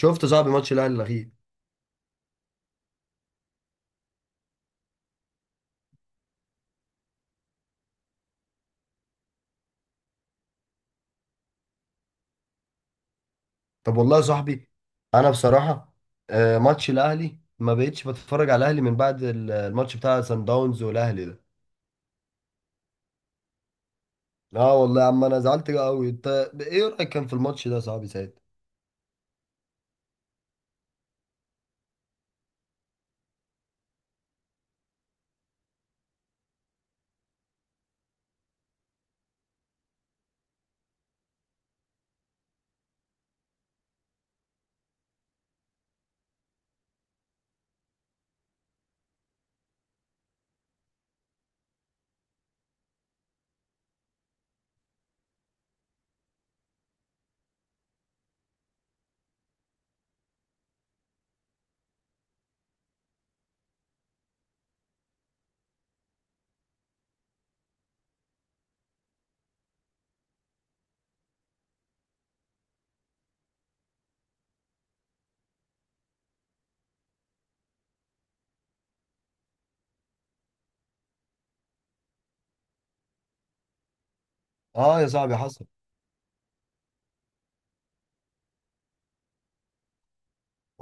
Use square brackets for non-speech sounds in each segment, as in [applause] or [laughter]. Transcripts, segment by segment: شفت يا صاحبي ماتش الاهلي الاخير. طب والله يا صاحبي، انا بصراحه ماتش الاهلي ما بقتش بتفرج على الاهلي من بعد الماتش بتاع سان داونز والاهلي ده. اه والله يا عم انا زعلت قوي. انت ايه رايك كان في الماتش ده يا صاحبي ساعتها؟ اه يا صاحبي حصل.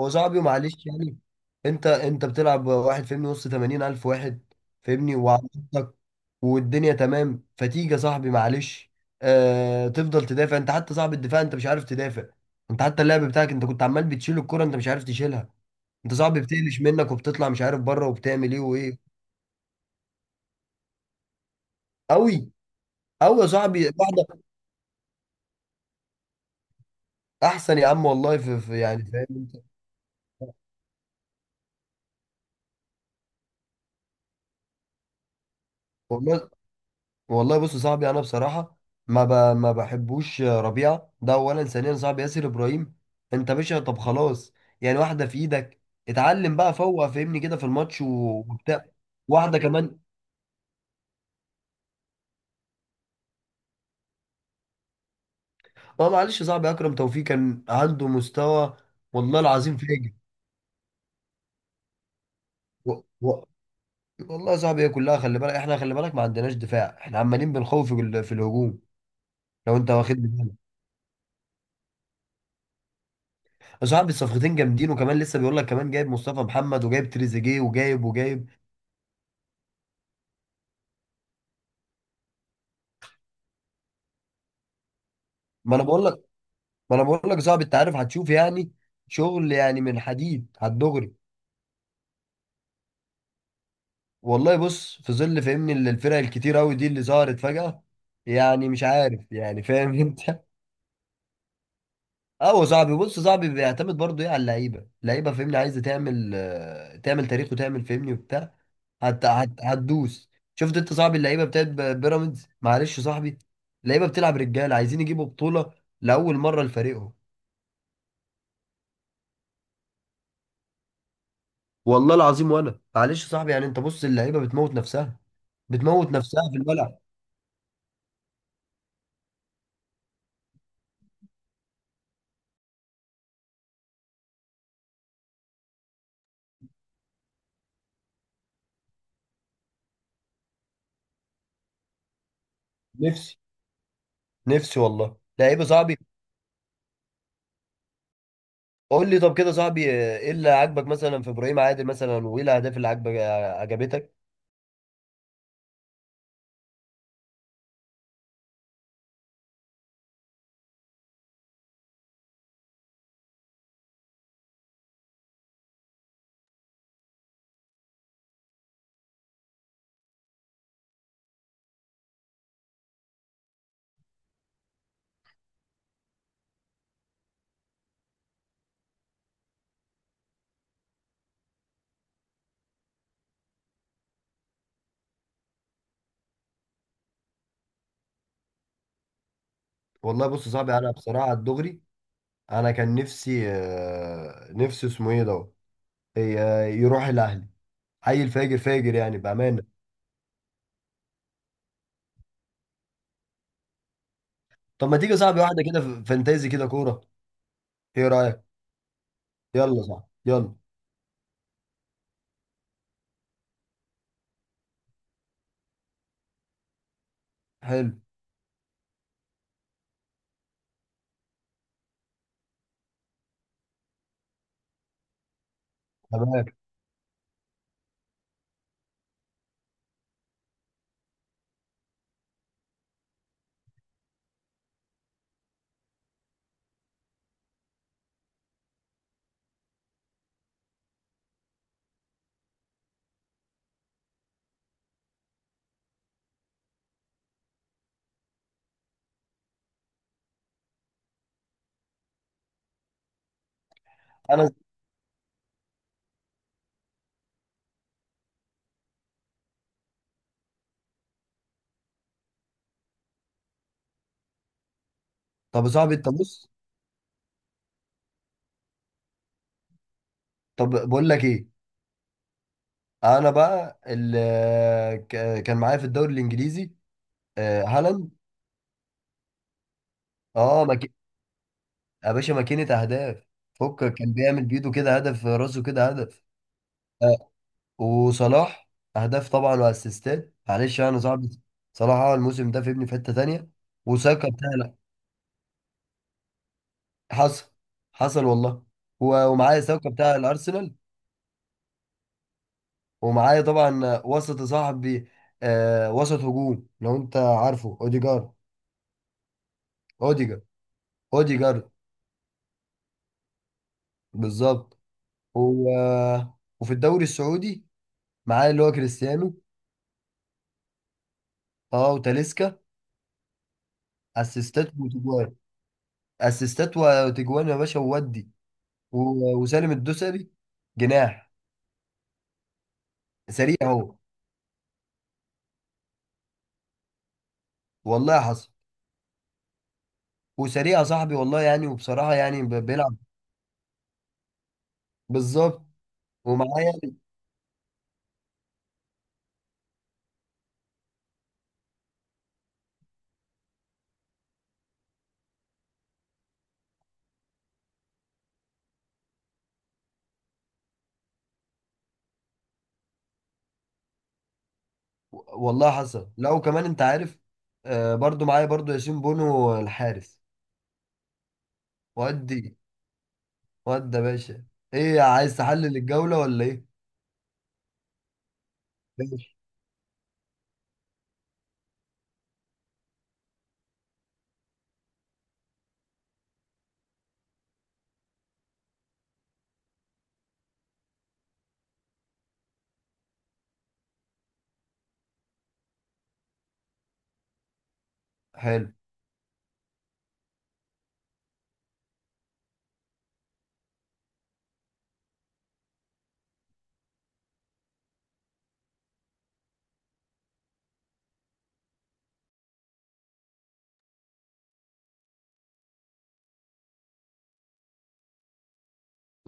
هو صاحبي معلش يعني. انت بتلعب واحد فاهمني وسط 80 الف واحد فاهمني، وعندك والدنيا تمام. فتيجي يا صاحبي معلش، آه تفضل تدافع انت، حتى صاحب الدفاع انت مش عارف تدافع. انت حتى اللعب بتاعك انت كنت عمال بتشيل الكرة انت مش عارف تشيلها. انت صاحبي بتقلش منك وبتطلع مش عارف بره وبتعمل ايه وايه. قوي، قوي يا صاحبي واحدة. احسن يا عم والله في يعني فاهم انت. والله، والله بص يا صاحبي انا بصراحه ما بحبوش ربيعه ده اولا. ثانيا صاحبي ياسر ابراهيم، انت باشا طب خلاص. يعني واحده في ايدك. اتعلم بقى فوق فهمني كده في الماتش وبتاع. واحده كمان. اه معلش يا صاحبي، اكرم توفيق كان عنده مستوى والله العظيم فاجر. و... و... والله يا صاحبي هي كلها، خلي بالك احنا، خلي بالك ما عندناش دفاع، احنا عمالين بنخوف في في الهجوم. لو انت واخد بالك يا صاحبي الصفقتين جامدين، وكمان لسه بيقول لك كمان جايب مصطفى محمد وجايب تريزيجيه وجايب وجايب. ما انا بقول لك، ما انا بقول لك صعب، انت عارف هتشوف يعني شغل يعني من حديد هتدغري. والله بص في ظل فهمني الفرق الكتير قوي دي اللي ظهرت فجأة. يعني مش عارف يعني فاهم [laughs] انت. اه صاحبي بص، صاحبي بيعتمد برضه ايه على اللعيبه، اللعيبه فهمني عايزه تعمل تعمل تاريخ وتعمل فهمني وبتاع. هتدوس. شفت انت صاحبي اللعيبه بتاعت بيراميدز؟ معلش يا صاحبي، اللعيبه بتلعب رجاله عايزين يجيبوا بطوله لاول مره لفريقهم. والله العظيم وانا معلش يا صاحبي، يعني انت بص اللعيبه بتموت نفسها، بتموت نفسها في الملعب. نفسي، نفسي والله لعيبه صاحبي. قول لي طب كده صاحبي، ايه اللي عاجبك مثلا في ابراهيم عادل مثلا، وايه الاهداف اللي عاجبك، عجبتك؟ والله بص يا صاحبي انا بصراحه الدغري، انا كان نفسي نفسي اسمه ايه ده، يروح الاهلي. عيل فاجر فاجر يعني بامانه. طب ما تيجي يا صاحبي واحده كده فانتازي كده كوره؟ ايه رايك؟ يلا صاحبي يلا. حلو. تمام. انا، طب يا صاحبي انت بص. طب بقول لك ايه، انا بقى اللي كان معايا في الدوري الانجليزي هالاند. اه مك... يا باشا ماكينة اهداف، فكك كان بيعمل بيده كده هدف، راسه كده هدف. آه، وصلاح اهداف طبعا واسيستات معلش انا صعب. صلاح اه الموسم ده في ابني في حتة تانية. وساكا بتاع لا. حصل، حصل والله. ومعايا ساكا بتاع الارسنال. ومعايا طبعا وسط صاحبي وسط هجوم، لو انت عارفه اوديجارد. اوديجارد، اوديجارد. بالظبط. هو، وفي الدوري السعودي معاه اللي هو كريستيانو. اه وتاليسكا اسيستات وتجوان، اسيستات وتجوان يا باشا وودي. وسالم الدوسري جناح سريع هو. والله حصل. وسريع يا صاحبي والله يعني، وبصراحة يعني بيلعب. بالظبط. ومعاه يعني. والله حصل. لا وكمان انت عارف، آه برضو معايا برضو ياسين بونو الحارس. ودي، ودي يا باشا، ايه عايز تحلل الجولة ولا ايه؟ ماشي. حلو.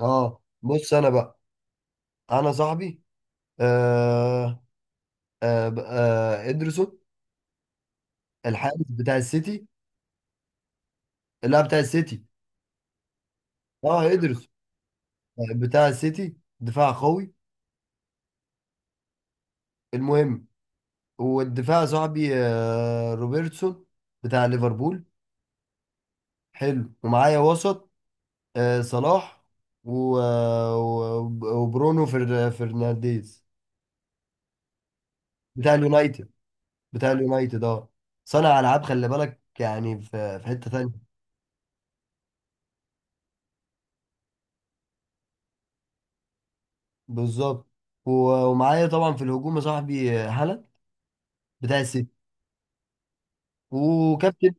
اه بص انا بقى، انا صاحبي آه ادرسون الحارس بتاع السيتي. لا بتاع السيتي. اه ادرسون بتاع السيتي دفاع قوي. المهم، والدفاع صاحبي آه روبرتسون بتاع ليفربول. حلو. ومعايا وسط آه صلاح، و- آه، و- وبرونو فرنانديز بتاع اليونايتد، بتاع اليونايتد اه. صانع العاب خلي بالك، يعني في في حتة تانية. بالظبط. و- ومعايا طبعا في الهجوم يا صاحبي هالاند بتاع السيتي، وكابتن.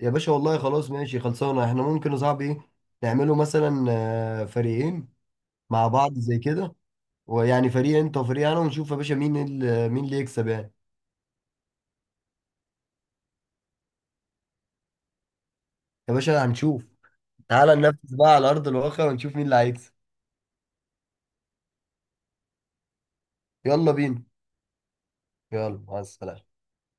يا باشا والله خلاص ماشي خلصانه. احنا ممكن يا صاحبي ايه نعمله، مثلا فريقين مع بعض زي كده. ويعني فريق انت وفريق انا، ونشوف يا باشا مين مين اللي يكسب يعني. يا باشا هنشوف. تعالى ننفذ بقى على ارض الواقع ونشوف مين اللي هيكسب. يلا بينا. يلا مع السلامه.